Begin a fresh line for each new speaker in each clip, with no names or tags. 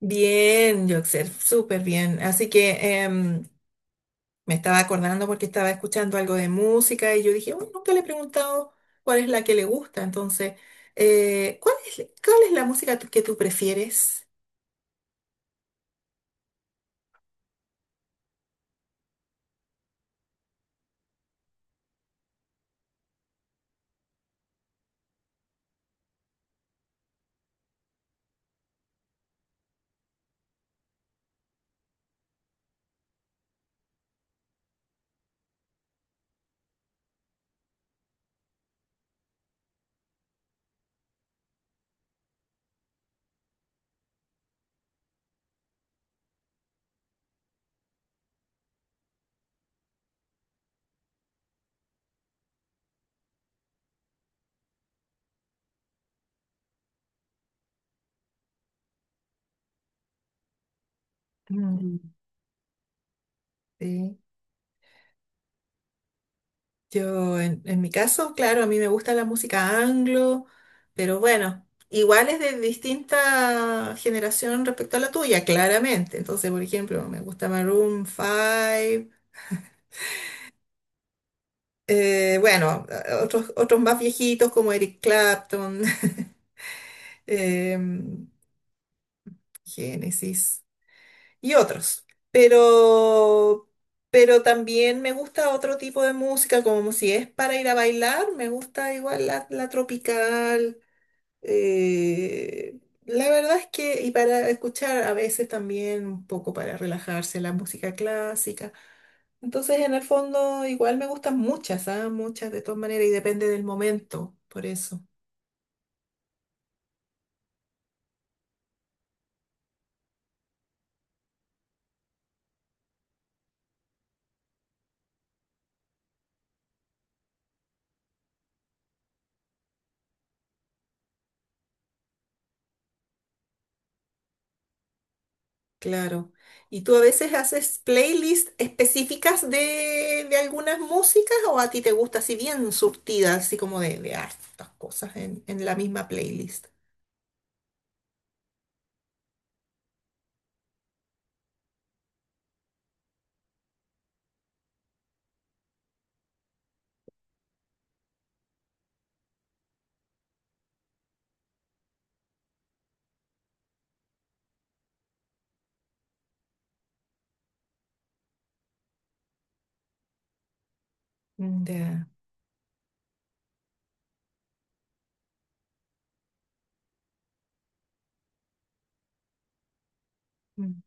Bien, Joxer, súper bien. Así que me estaba acordando porque estaba escuchando algo de música y yo dije, "Uy, nunca le he preguntado cuál es la que le gusta". Entonces, cuál es la música que tú prefieres? Mm, sí. Yo, en mi caso, claro, a mí me gusta la música anglo, pero bueno, igual es de distinta generación respecto a la tuya, claramente. Entonces, por ejemplo, me gusta Maroon 5. Bueno, otros, otros más viejitos como Eric Clapton, em, Genesis y otros. Pero, pero también me gusta otro tipo de música, como si es para ir a bailar, me gusta igual la tropical, eh, la verdad es que, y para escuchar a veces también un poco para relajarse la música clásica. Entonces, en el fondo, igual me gustan muchas, ¿ah? Muchas de todas maneras, y depende del momento, por eso, claro. ¿Y tú a veces haces playlists específicas de algunas músicas o a ti te gusta así bien surtida, así como de hartas cosas en la misma playlist? Ya. Mm.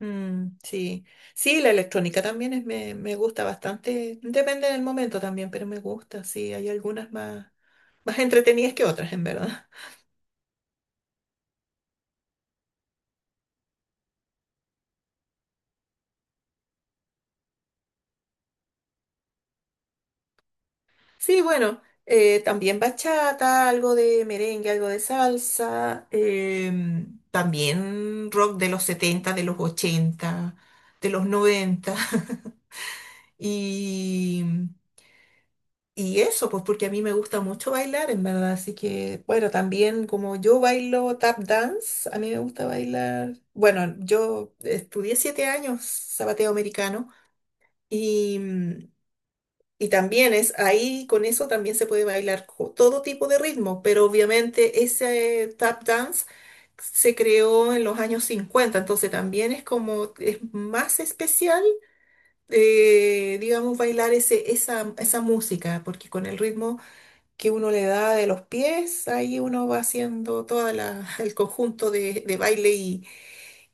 Mm, sí, sí, la electrónica también es, me gusta bastante, depende del momento también, pero me gusta, sí, hay algunas más, más entretenidas que otras, en verdad. Sí, bueno, también bachata, algo de merengue, algo de salsa, también rock de los 70, de los 80, de los 90 y Y eso, pues porque a mí me gusta mucho bailar, en verdad. Así que, bueno, también como yo bailo tap dance, a mí me gusta bailar. Bueno, yo estudié 7 años zapateo americano y, mm, y también es ahí, con eso también se puede bailar todo tipo de ritmo, pero obviamente ese tap dance se creó en los años 50, entonces también es como, es más especial, digamos, bailar ese, esa música, porque con el ritmo que uno le da de los pies, ahí uno va haciendo todo el conjunto de baile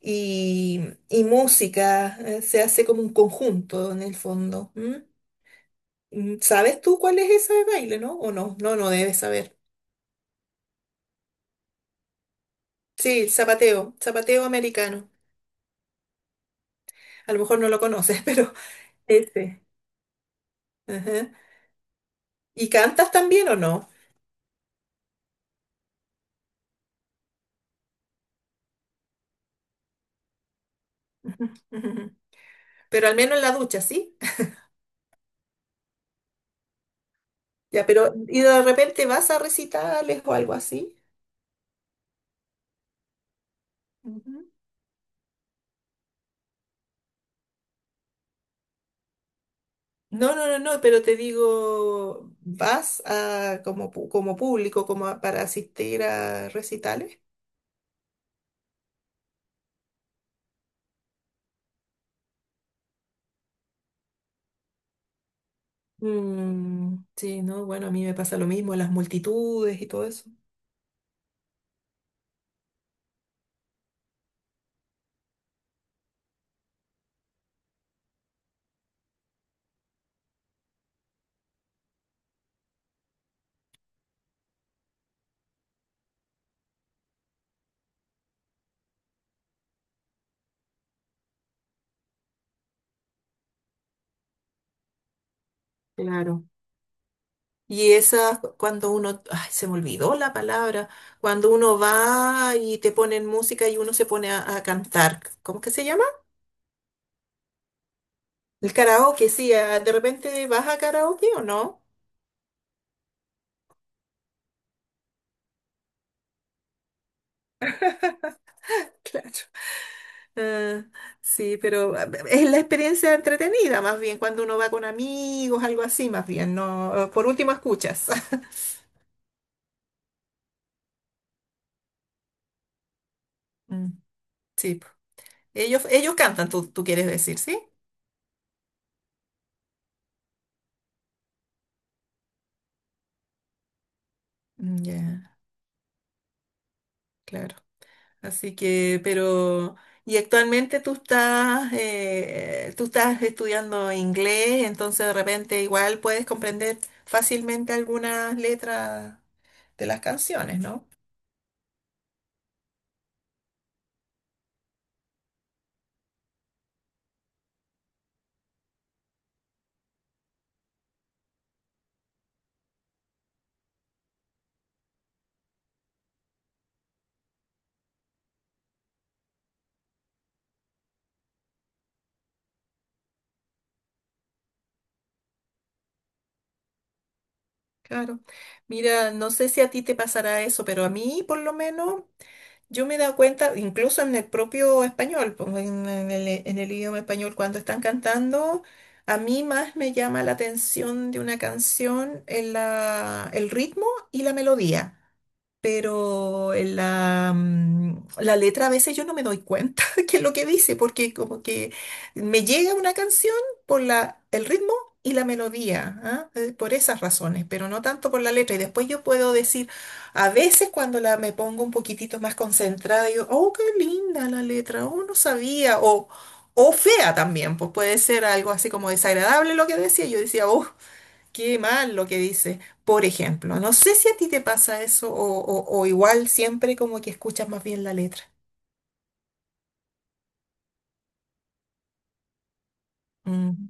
y, y música, se hace como un conjunto en el fondo. ¿M? Mm, ¿sabes tú cuál es ese baile, no? ¿O no? No, no debes saber. Sí, zapateo, zapateo americano. A lo mejor no lo conoces, pero ese. Ajá. ¿Y cantas también o no? Pero al menos en la ducha, ¿sí? Ya, pero ¿y de repente vas a recitales o algo así? Ujú. No, no, no, no, pero te digo, ¿vas a, como, como público, para asistir a recitales? Mm, sí, no, bueno, a mí me pasa lo mismo, las multitudes y todo eso. Claro. Y esas, cuando uno, ay, se me olvidó la palabra, cuando uno va y te ponen música y uno se pone a cantar, ¿cómo que se llama? El karaoke, sí, ah, de repente vas a karaoke o no. Claro. Ah, sí, pero ah, es la experiencia entretenida, más bien, cuando uno va con amigos, algo así, más bien, no. Ah, por último escuchas. Mm, sí, po. Ellos cantan, tú quieres decir, ¿sí? Mm, ya, claro. Así que, pero, y actualmente tú estás estudiando inglés, entonces de repente igual puedes comprender fácilmente algunas letras de las canciones, ¿no? Claro. Mira, no sé si a ti te pasará eso, pero a mí por lo menos yo me he dado cuenta, incluso en el propio español, pues, en en el idioma español, cuando están cantando, a mí más me llama la atención de una canción en el ritmo y la melodía, pero en la, mm, la letra a veces yo no me doy cuenta qué es lo que dice, porque como que me llega una canción por el ritmo y la melodía, ¿ah? Por esas razones, pero no tanto por la letra. Y después yo puedo decir, a veces cuando la, me pongo un poquitito más concentrada, digo, oh, qué linda la letra, oh, no sabía, o... O fea también, pues puede ser algo así como desagradable lo que decía. Yo decía, oh, qué mal lo que dice. Por ejemplo, no sé si a ti te pasa eso o, o igual siempre como que escuchas más bien la letra. Mm.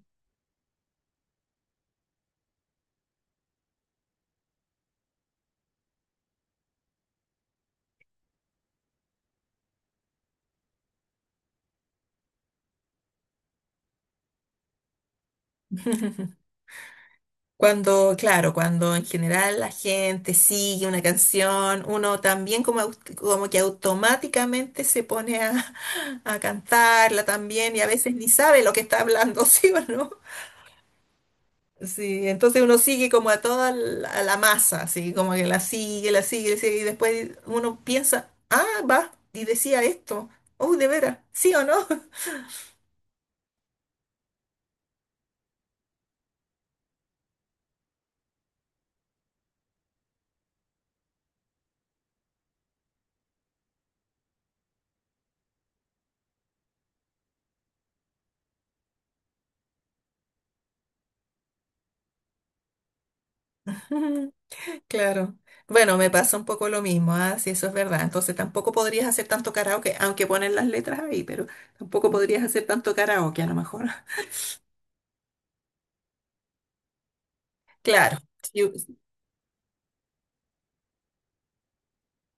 Cuando, claro, cuando en general la gente sigue una canción, uno también como, como que automáticamente se pone a cantarla también y a veces ni sabe lo que está hablando, ¿sí o no? Sí, entonces uno sigue como a toda a la masa, así como que la sigue, la sigue, la sigue, y después uno piensa, ah, va, y decía esto, oh, de veras, ¿sí o no? Claro. Bueno, me pasa un poco lo mismo, ah, sí, eso es verdad. Entonces tampoco podrías hacer tanto karaoke, aunque ponen las letras ahí, pero tampoco podrías hacer tanto karaoke a lo mejor. Claro, sí,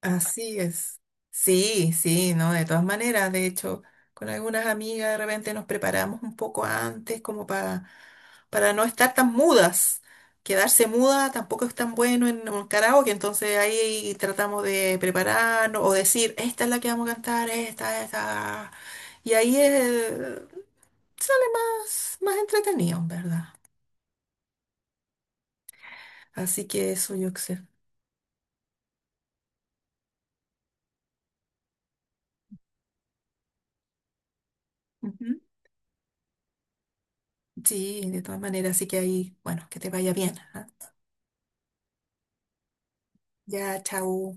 así es. Sí, sí, no, de todas maneras. De hecho, con algunas amigas de repente nos preparamos un poco antes como para no estar tan mudas. Quedarse muda tampoco es tan bueno en un karaoke, entonces ahí tratamos de prepararnos o decir, esta es la que vamos a cantar, esta, esta. Y ahí sale más, más entretenido, ¿en verdad? Así que eso yo sé. Ujú. Sí, de todas maneras, así que ahí, bueno, que te vaya bien, ¿ah? Ya, chao.